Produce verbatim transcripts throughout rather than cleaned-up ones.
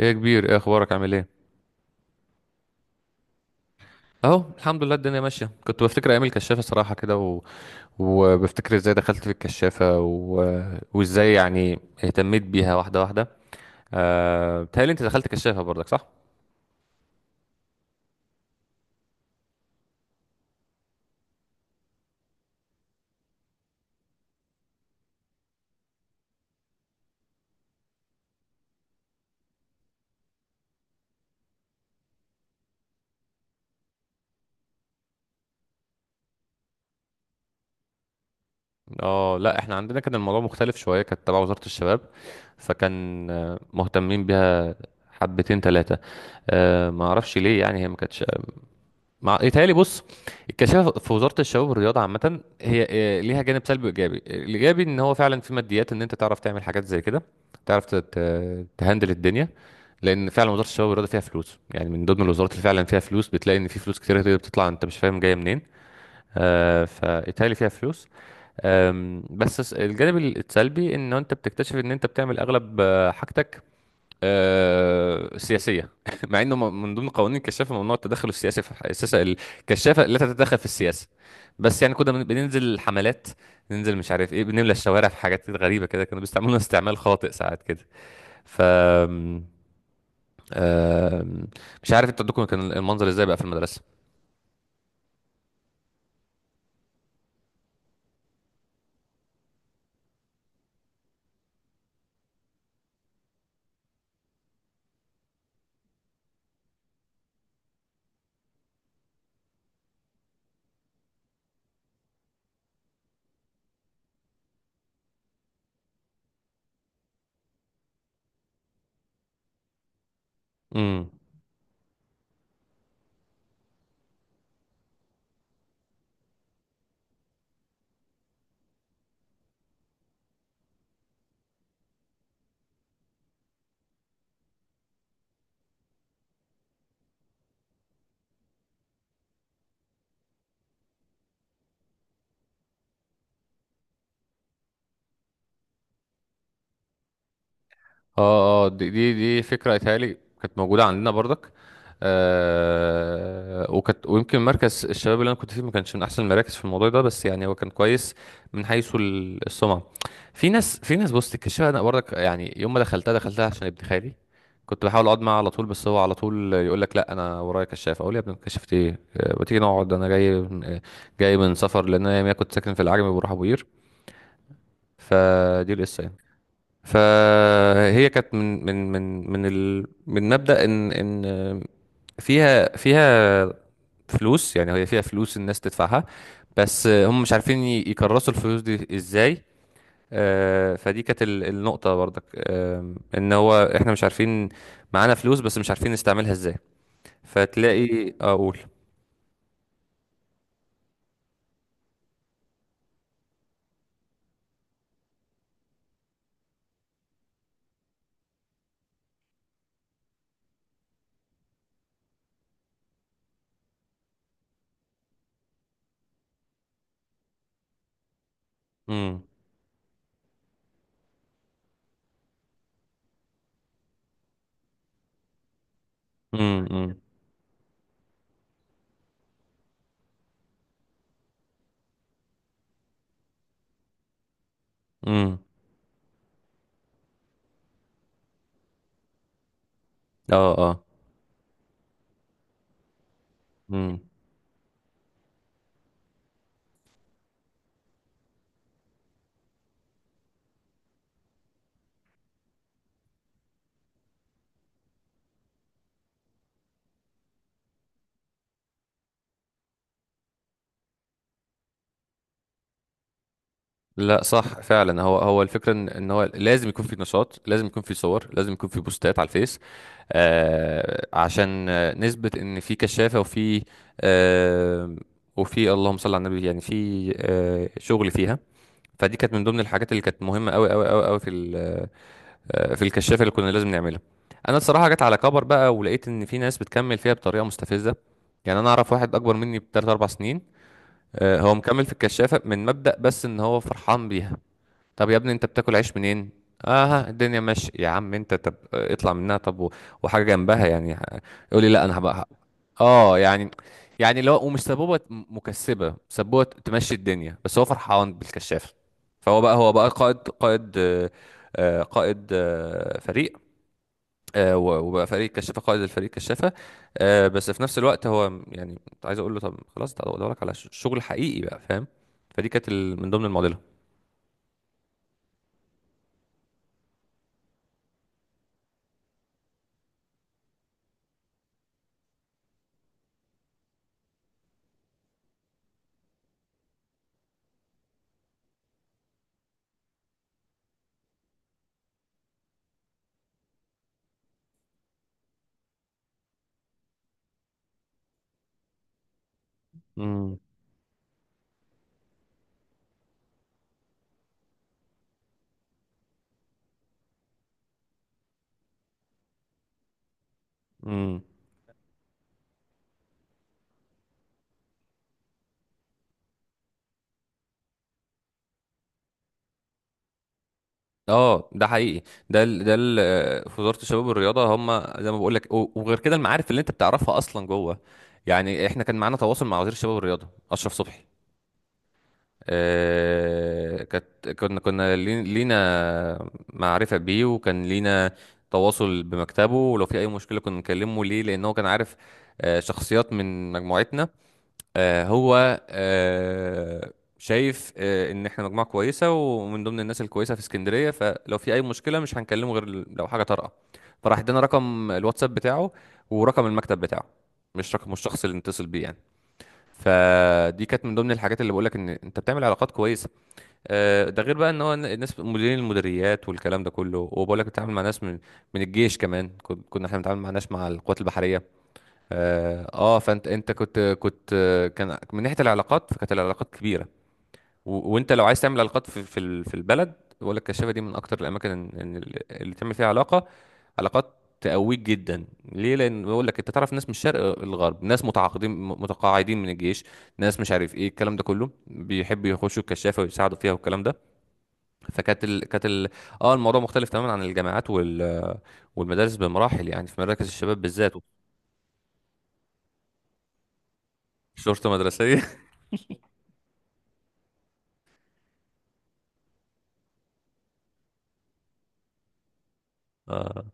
ايه يا كبير، ايه اخبارك، عامل ايه؟ اهو الحمد لله الدنيا ماشيه. كنت بفتكر ايام الكشافه صراحه كده و... وبفتكر ازاي دخلت في الكشافه و... وازاي يعني اهتميت بيها واحده واحده. أه... بتهيألي انت دخلت كشافه برضك، صح؟ اه لا، احنا عندنا كان الموضوع مختلف شويه. كانت تبع وزاره الشباب، فكان آه، مهتمين بيها حبتين ثلاثه. أه... ما اعرفش ليه، يعني هي ما كانتش مع، يتهيألي. بص، الكشافة في وزارة الشباب والرياضة عامة هي آه، ليها جانب سلبي وإيجابي. الإيجابي إن هو فعلا في ماديات، إن أنت تعرف تعمل حاجات زي كده، تعرف ت- ت- تهندل الدنيا. لأن فعلا وزارة الشباب والرياضة فيها فلوس، يعني من ضمن الوزارات اللي فعلا فيها فلوس، بتلاقي إن في فلوس كتير كده بتطلع أنت مش فاهم جاية منين. آه، فيتهيألي فيها فلوس. آم، بس الس- الجانب السلبي إن أنت بتكتشف إن أنت بتعمل أغلب آه، حاجتك آه، سياسية مع انه م- من ضمن قوانين الكشافة ممنوع التدخل السياسي في الح- السياسة، الكشافة لا تتدخل في السياسة. بس يعني كنا بن- بننزل حملات، ننزل مش عارف ايه، بنملى الشوارع في حاجات غريبة كده. كانوا بيستعملونا استعمال خاطئ ساعات كده. ف آم، مش عارف انتوا عندكم كان المنظر ازاي بقى في المدرسة؟ امم. اه اه، دي دي دي فكرة اتهيألي كانت موجودة عندنا برضك. آه، وكانت، ويمكن مركز الشباب اللي انا كنت فيه ما كانش من احسن المراكز في الموضوع ده، بس يعني هو كان كويس من حيث ال- السمعة. في ناس، في ناس بص تكشفها. انا برضك يعني يوم ما دخلتها، دخلتها عشان ابن خالي. كنت بحاول اقعد معاه على طول، بس هو على طول يقول لك لا انا ورايا كشاف. اقول يا ابني كشفت ايه، آه، ما تيجي نقعد انا جاي، جاي من سفر، لان انا كنت ساكن في العجمي وبروح ابو قير. فدي القصه يعني. فهي كانت من من من من ال، من مبدأ ان ان فيها فيها فلوس، يعني هي فيها فلوس الناس تدفعها، بس هم مش عارفين ي- يكرسوا الفلوس دي ازاي. آه، فدي كانت ال- النقطة برضك. آم، ان هو احنا مش عارفين، معانا فلوس بس مش عارفين نستعملها ازاي. فتلاقي اقول. امم. امم. امم. اه اه. لا صح فعلا، هو هو الفكره ان إن هو لازم يكون في نشاط، لازم يكون في صور، لازم يكون في بوستات على الفيس. آه، عشان آه، نثبت ان في كشافه وفي، آه، وفي اللهم صل على النبي، يعني في آه شغل فيها. فدي كانت من ضمن الحاجات اللي كانت مهمه قوي قوي قوي قوي في ال- آه، في الكشافه اللي كنا لازم نعملها. انا الصراحه جت على كبر بقى، ولقيت ان في ناس بتكمل فيها بطريقه مستفزه. يعني انا اعرف واحد اكبر مني بثلاث اربع سنين، آه، هو مكمل في الكشافه من مبدأ بس ان هو فرحان بيها. طب يا ابني انت بتاكل عيش منين؟ اه الدنيا ماشي يا عم انت، طب آه، اطلع منها طب و- وحاجه جنبها يعني، ه- يقول لي لا انا هبقى. اه يعني يعني اللي هو، ومش سبوبه، م- مكسبه، سبوبه تمشي الدنيا بس هو فرحان بالكشاف. فهو بقى، هو بقى قائد، قائد آه، آه، قائد آه، فريق، آه، و- وبقى فريق كشافه، قائد الفريق كشافه. آه، بس في نفس الوقت هو يعني كنت عايز اقول له طب خلاص ده ادور لك على ش- شغل حقيقي بقى، فاهم؟ فدي كانت ال- من ضمن المعضله. امم. امم. اه ده حقيقي. ده ال ده ال آه، في وزاره الشباب والرياضه هم، زي ما بقول لك، و- وغير كده المعارف اللي انت بتعرفها اصلا جوه. يعني احنا كان معانا تواصل مع وزير الشباب والرياضه اشرف صبحي. آه كانت، كنا كنا لي- لينا معرفه بيه، وكان لينا تواصل بمكتبه، ولو في اي مشكله كنا نكلمه ليه، لان هو كان عارف آه، شخصيات من مجموعتنا. آه، هو آه، شايف آه، ان احنا مجموعه كويسه ومن ضمن الناس الكويسه في اسكندريه، فلو في اي مشكله مش هنكلمه غير لو حاجه طارئه. فراح ادانا رقم الواتساب بتاعه، ورقم المكتب بتاعه، مش رقم، مش الشخص اللي نتصل بيه يعني. فدي كانت من ضمن الحاجات اللي بقولك ان انت بتعمل علاقات كويسه. آه، ده غير بقى ان هو الناس مديرين المديريات والكلام ده كله، وبقولك بتتعامل مع ناس من، من الجيش كمان. كن- كنا احنا بنتعامل مع ناس، مع القوات البحريه. اه، آه، فانت انت كنت كنت آه، كان من ناحيه العلاقات، فكانت العلاقات كبيره. و... وانت لو عايز تعمل علاقات في في, ال... في البلد، بقول لك الكشافه دي من اكتر الاماكن إن- إن ال- اللي تعمل فيها علاقه علاقات تقويك جدا. ليه؟ لان بقول لك انت تعرف ناس من الشرق للغرب، ناس متعاقدين م- متقاعدين من الجيش، ناس مش عارف ايه، الكلام ده كله بيحبوا يخشوا الكشافه ويساعدوا فيها، والكلام ده. فكانت ال... كانت ال... اه الموضوع مختلف تماما عن الجامعات وال... والمدارس بمراحل، يعني في مراكز الشباب بالذات. شرطه مدرسيه اه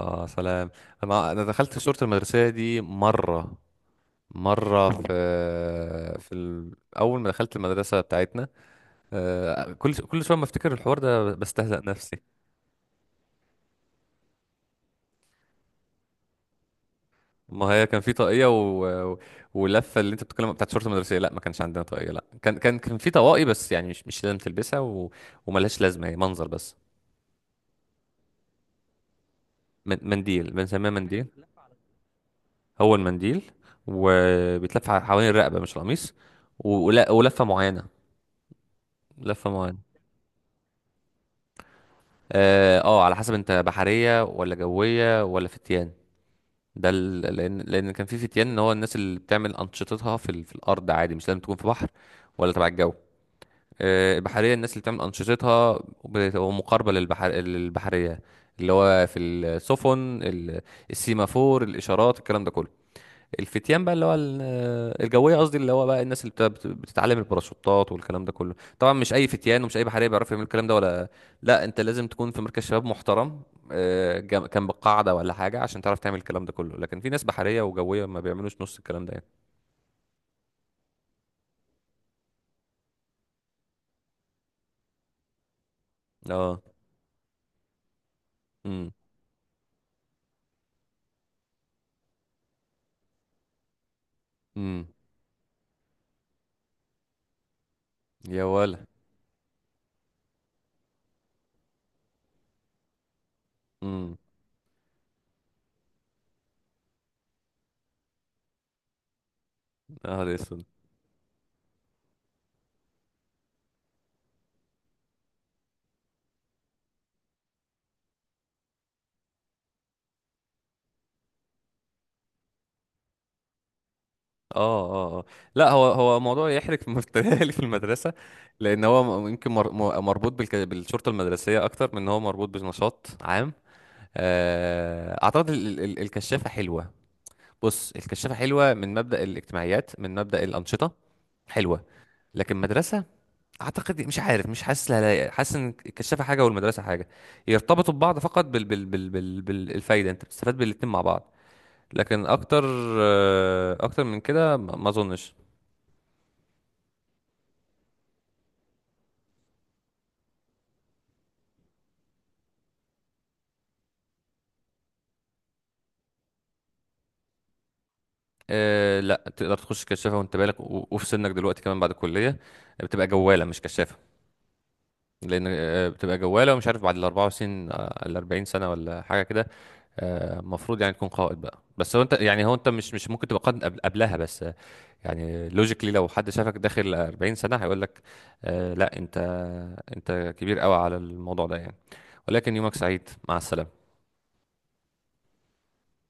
اه سلام. انا انا دخلت صورة المدرسية دي مرة، مرة في، في ال... اول ما دخلت المدرسة بتاعتنا آه، كل كل شوية ما افتكر الحوار ده بستهزأ نفسي. ما هي كان في طاقية و... و- ولفة اللي انت بتتكلم بتاعت صورة المدرسية، لا ما كانش عندنا طاقية، لا كان، كان كان في طواقي بس يعني مش مش لازم تلبسها، و... وملهاش لازمة، هي منظر بس. من... منديل، بنسميها منديل. هو المنديل وبيتلف ح- حوالين الرقبة مش القميص. و... ولا- ولفة معينة، لفة معينة. اه آه، على حسب انت بحرية ولا جوية ولا فتيان. ده ال- لان لان كان في فتيان، ان هو الناس اللي بتعمل انشطتها في ال- في الارض عادي، مش لازم تكون في بحر ولا تبع الجو. آه، البحرية الناس اللي بتعمل انشطتها بتبقى مقاربة للبحر، للبحرية، اللي هو في السفن ال- السيمافور الاشارات الكلام ده كله. الفتيان بقى اللي هو ال- الجويه قصدي، اللي هو بقى الناس اللي بت- بت- بتتعلم الباراشوتات والكلام ده كله. طبعا مش اي فتيان ومش اي بحريه بيعرف يعمل الكلام ده، ولا، لا انت لازم تكون في مركز شباب محترم آه، جم- كان بالقاعده ولا حاجه عشان تعرف تعمل الكلام ده كله. لكن في ناس بحريه وجويه ما بيعملوش نص الكلام ده يعني. اه. امم. امم. يا ولا. امم. اه ده اسود. اه اه اه لا هو، هو موضوع يحرق مفتري في المدرسه، لان هو م- يمكن مر- م- مربوط بالك- بالشرطه المدرسيه اكتر من ان هو مربوط بنشاط عام. آه، اعتقد ال- ال- ال- الكشافه حلوه. بص، الكشافه حلوه من مبدا الاجتماعيات، من مبدا الانشطه، حلوه. لكن مدرسه، اعتقد، مش عارف، مش حاسس لها لايقة. حاسس ان الكشافه حاجه والمدرسه حاجه، يرتبطوا ببعض فقط بال بال بال بال بالفايده، انت بتستفاد بالاتنين مع بعض، لكن اكتر، آه، اكتر من كده ما ما اظنش. أه لا، تقدر تخش كشافه وانت بالغ و- وفي سنك دلوقتي كمان بعد الكليه، بتبقى جواله مش كشافه. لان آه، بتبقى جواله، مش عارف، بعد ال اربعه وعشرين، آه، ال اربعين سنه ولا حاجه كده. آه، المفروض يعني تكون قائد بقى، بس هو انت يعني، هو انت مش مش ممكن تبقى قائد قبل- قبلها. بس آه، يعني لوجيكلي لو حد شافك داخل اربعين سنه هيقول لك آه، لا انت، انت كبير قوي على الموضوع ده يعني. ولكن يومك سعيد، مع السلامه.